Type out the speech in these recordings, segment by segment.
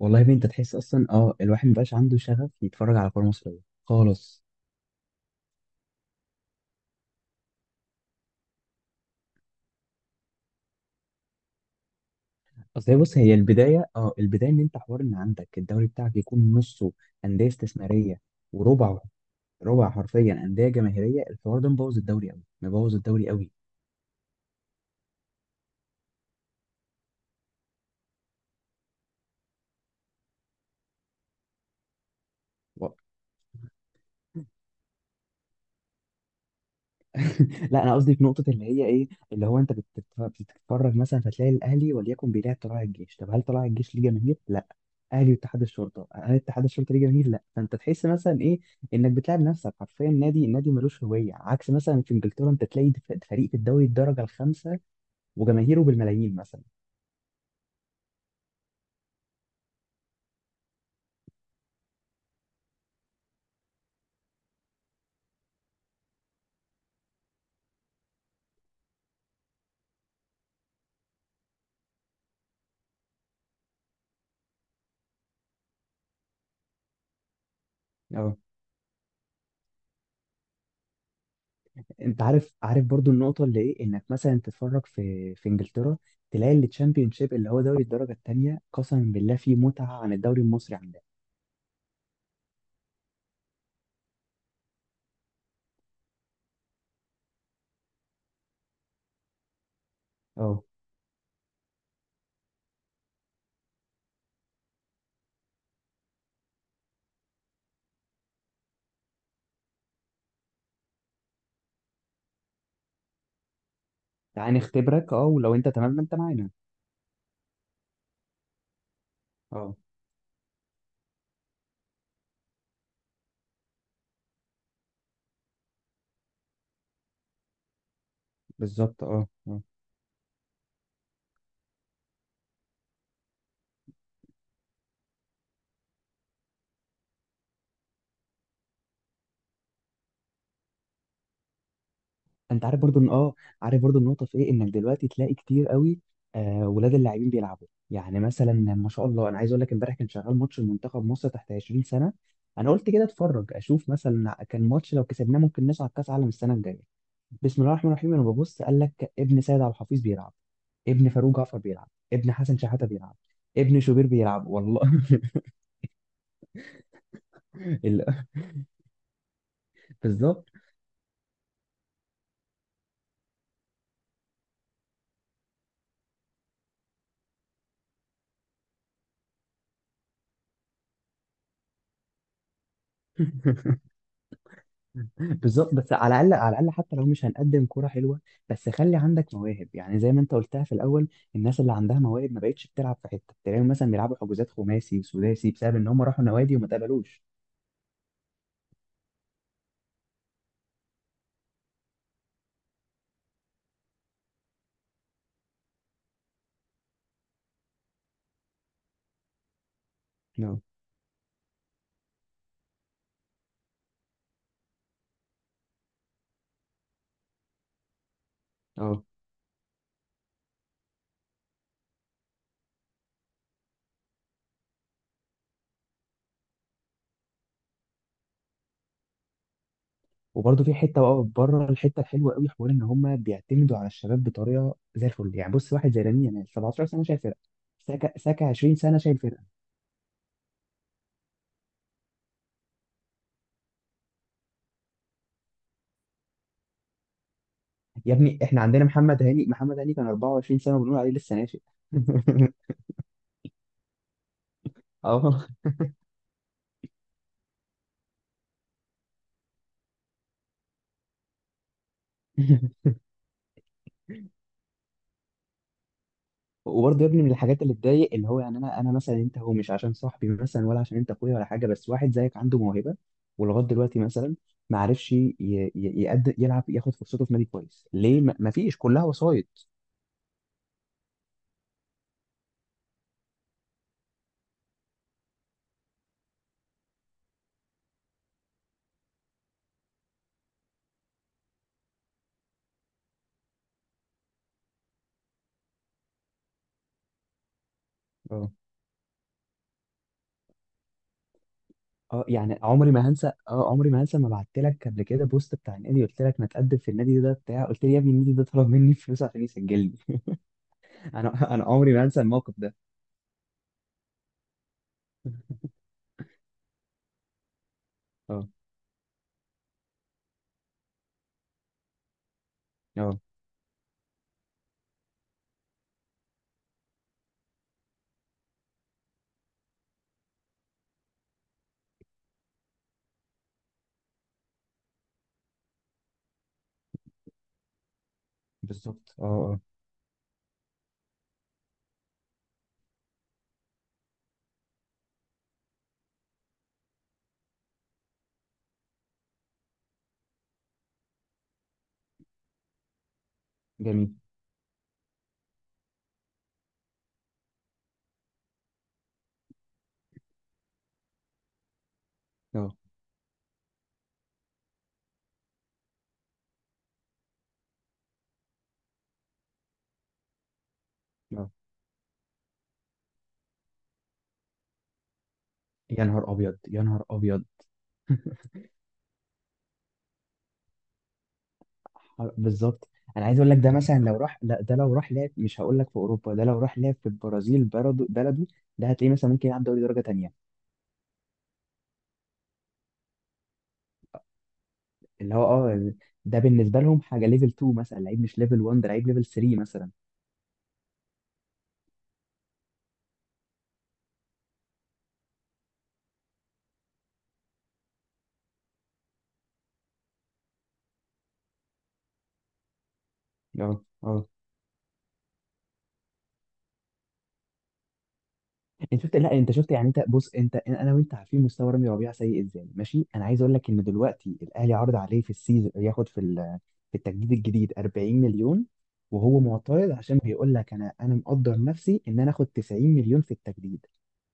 والله يا ابني انت تحس اصلا الواحد مبقاش عنده شغف يتفرج على كوره مصريه خالص. اصل هي، بص، هي البدايه، البدايه ان انت حوار ان عندك الدوري بتاعك يكون نصه انديه استثماريه وربعه، ربع حرفيا انديه جماهيريه. الحوار ده مبوظ الدوري قوي، مبوظ الدوري قوي. و- لا انا قصدي في نقطه اللي هي ايه، اللي هو انت بتتفرج مثلا فتلاقي الاهلي وليكن بيلعب طلائع الجيش. طب هل طلائع الجيش ليه جماهير؟ لا. اهلي واتحاد الشرطه، هل اتحاد الشرطه ليه جماهير؟ لا. فانت تحس مثلا ايه، انك بتلعب نفسك حرفيا نادي. النادي ملوش هويه، عكس مثلا في انجلترا انت تلاقي فريق في الدوري الدرجه الخامسه وجماهيره بالملايين مثلا. اه، انت عارف، برضو النقطه اللي ايه، انك مثلا تتفرج في انجلترا تلاقي التشامبيونشيب اللي هو دوري الدرجه الثانيه، قسما بالله فيه متعه عن الدوري المصري عندنا. اه. تعال نختبرك، اه، ولو انت تمام ما انت معانا. اه. بالظبط، اه اه. انت عارف برضو ان اه، عارف برضو النقطه في ايه، انك دلوقتي تلاقي كتير قوي ولاد اللاعبين بيلعبوا. يعني مثلا ما شاء الله، انا عايز اقول لك امبارح كان شغال ماتش المنتخب مصر تحت 20 سنه. انا قلت كده اتفرج اشوف، مثلا كان ماتش لو كسبناه ممكن نصعد كاس عالم السنه الجايه. بسم الله الرحمن الرحيم، انا ببص قال لك ابن سيد عبد الحفيظ بيلعب، ابن فاروق جعفر بيلعب، ابن حسن شحاته بيلعب، ابن شوبير بيلعب، والله ال- بالظبط بالظبط. بس على الاقل، على الاقل حتى لو مش هنقدم كوره حلوه، بس خلي عندك مواهب، يعني زي ما انت قلتها في الاول. الناس اللي عندها مواهب ما بقتش بتلعب في حته. تلاقيهم مثلا بيلعبوا حجوزات خماسي وسداسي بسبب ان هم راحوا نوادي وما اتقبلوش. اه اه. وبرضه في حته بقى بره الحته الحلوه قوي، حوار ان هم بيعتمدوا على الشباب بطريقه زي الفل. يعني بص، واحد زي لامين يامال، 17 سنه شايل فرقه. ساكا، ساكا 20 سنه شايل فرقه. يا ابني، احنا عندنا محمد هاني، محمد هاني كان 24 سنه وبنقول عليه لسه ناشئ اه. وبرضه يا ابني من الحاجات اللي تضايق، اللي هو يعني انا مثلا، انت هو مش عشان صاحبي مثلا، ولا عشان انت اخويا ولا حاجه، بس واحد زيك عنده موهبه ولغايه دلوقتي مثلا ما عرفش يقدر يلعب، ياخد فرصته في نادي كويس. ليه؟ ما فيش، كلها وسايط. اه اه. يعني عمري ما هنسى، اه عمري ما هنسى، ما بعت لك قبل كده بوست بتاع النادي، قلت لك ما تقدم في النادي ده بتاع، قلت لي يا ابني النادي ده طلب مني فلوس عشان يسجلني انا عمري ما هنسى الموقف ده اه اه، بالظبط، اه اه، جميل، اه اه. يا نهار ابيض، يا نهار ابيض. آه، بالظبط. انا عايز اقول لك، ده مثلا لو راح، لا ده لو راح لعب، مش هقول لك في اوروبا، ده لو راح لعب في البرازيل بلده، بلده ده هتلاقيه مثلا ممكن يلعب دوري درجه تانية. اللي هو اه، ده بالنسبه لهم حاجه ليفل 2 مثلا، لعيب مش ليفل 1، ده لعيب ليفل 3 مثلا. اه اه. انت شفت، لا انت شفت، يعني انت بص، انت انا وانت عارفين مستوى رامي ربيعه سيء ازاي ماشي. انا عايز اقول لك ان دلوقتي الاهلي عرض عليه في السيزون ياخد في في التجديد الجديد 40 مليون، وهو معترض عشان بيقول لك انا، مقدر نفسي ان انا اخد 90 مليون في التجديد،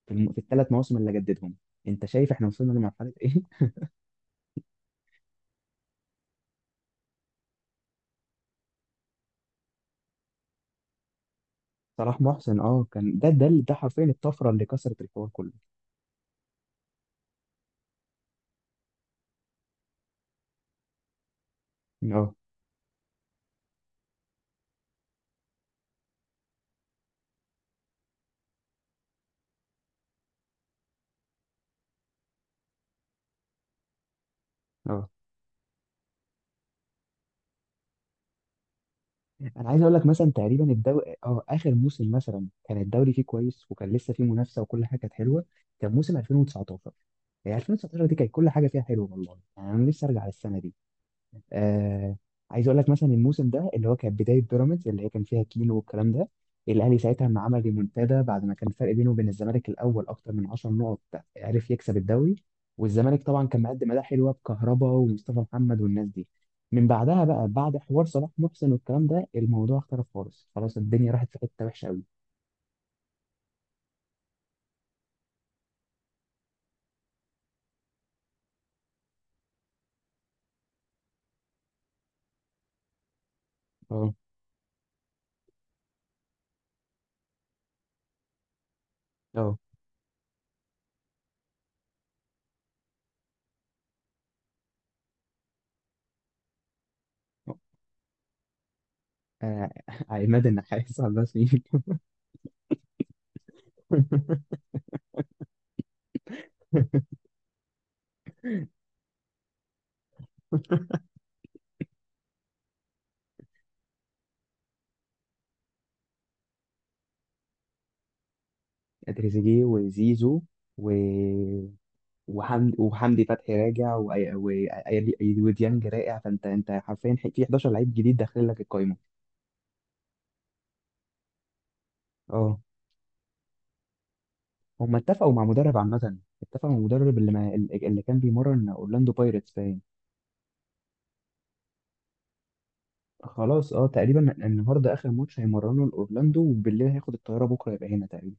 في, في الثلاث مواسم اللي جددهم. انت شايف احنا وصلنا لمرحله ايه صلاح محسن، اه كان ده، ده حرفيا الطفره اللي كسرت الحوار كله. اه اه. انا عايز اقول لك مثلا تقريبا الدوري، اه اخر موسم مثلا كان الدوري فيه كويس، وكان لسه فيه منافسه وكل حاجه كانت حلوه. كان موسم 2019، يعني 2019 دي كانت كل حاجه فيها حلوه، والله يعني انا لسه ارجع للسنه دي. آه. عايز اقول لك مثلا الموسم ده اللي هو كانت بدايه بيراميدز، اللي هي كان فيها كيلو والكلام ده. الاهلي ساعتها لما عمل ريمونتادا بعد ما كان الفرق بينه وبين الزمالك الاول اكتر من 10 نقط، عرف يكسب الدوري، والزمالك طبعا كان مقدم اداء حلوه بكهربا ومصطفى محمد والناس دي. من بعدها بقى، بعد حوار صلاح محسن والكلام ده، الموضوع اختلف خالص، خلاص الدنيا راحت في حته وحشه قوي. اه اه. آه، عماد النحاس، عباس مين تريزيجيه وزيزو، وحمدي، وحمدي فتحي راجع، وديانج راجع. فانت، انت حرفيا في 11 لعيب جديد داخل لك القايمه. اه. هم اتفقوا مع مدرب عامه، اتفقوا مع المدرب اللي ما اللي كان بيمرن اورلاندو بايرتس باين. خلاص اه. تقريبا النهارده اخر ماتش هيمرنوا لاورلاندو، وبالليل هياخد الطياره، بكره يبقى هنا تقريبا.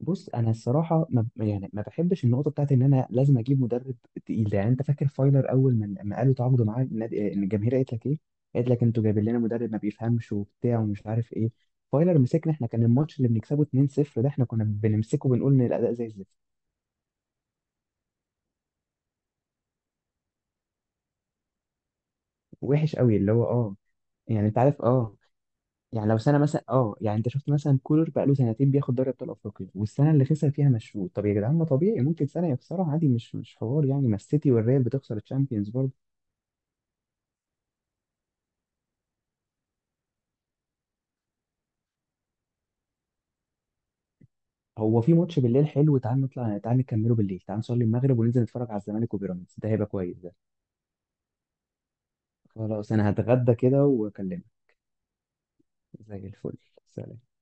بص انا الصراحه ما ب- يعني ما بحبش النقطه بتاعت ان انا لازم اجيب مدرب تقيل ده. يعني انت فاكر فايلر اول ما قالوا تعاقدوا معاه آه، ان الجماهير قالت لك ايه؟ قالت لك انتوا جايبين لنا مدرب ما بيفهمش وبتاع ومش عارف ايه. فايلر مسكنا احنا، كان الماتش اللي بنكسبه 2-0 ده احنا كنا بنمسكه بنقول ان الاداء زي الزفت، وحش قوي، اللي هو اه. يعني انت عارف اه، يعني لو سنه مثلا اه، يعني انت شفت مثلا كولر بقى له سنتين بياخد دوري ابطال افريقيا، والسنه اللي خسر فيها مشروط؟ طب يا جدعان، ما طبيعي ممكن سنه يخسرها عادي، مش مش حوار يعني، ما السيتي والريال بتخسر الشامبيونز. هو في ماتش بالليل حلو، تعال نطلع، تعال نكمله بالليل، تعال نصلي المغرب وننزل نتفرج على الزمالك وبيراميدز، ده هيبقى كويس ده. خلاص انا هتغدى كده واكلمك. زي الفل. سلام.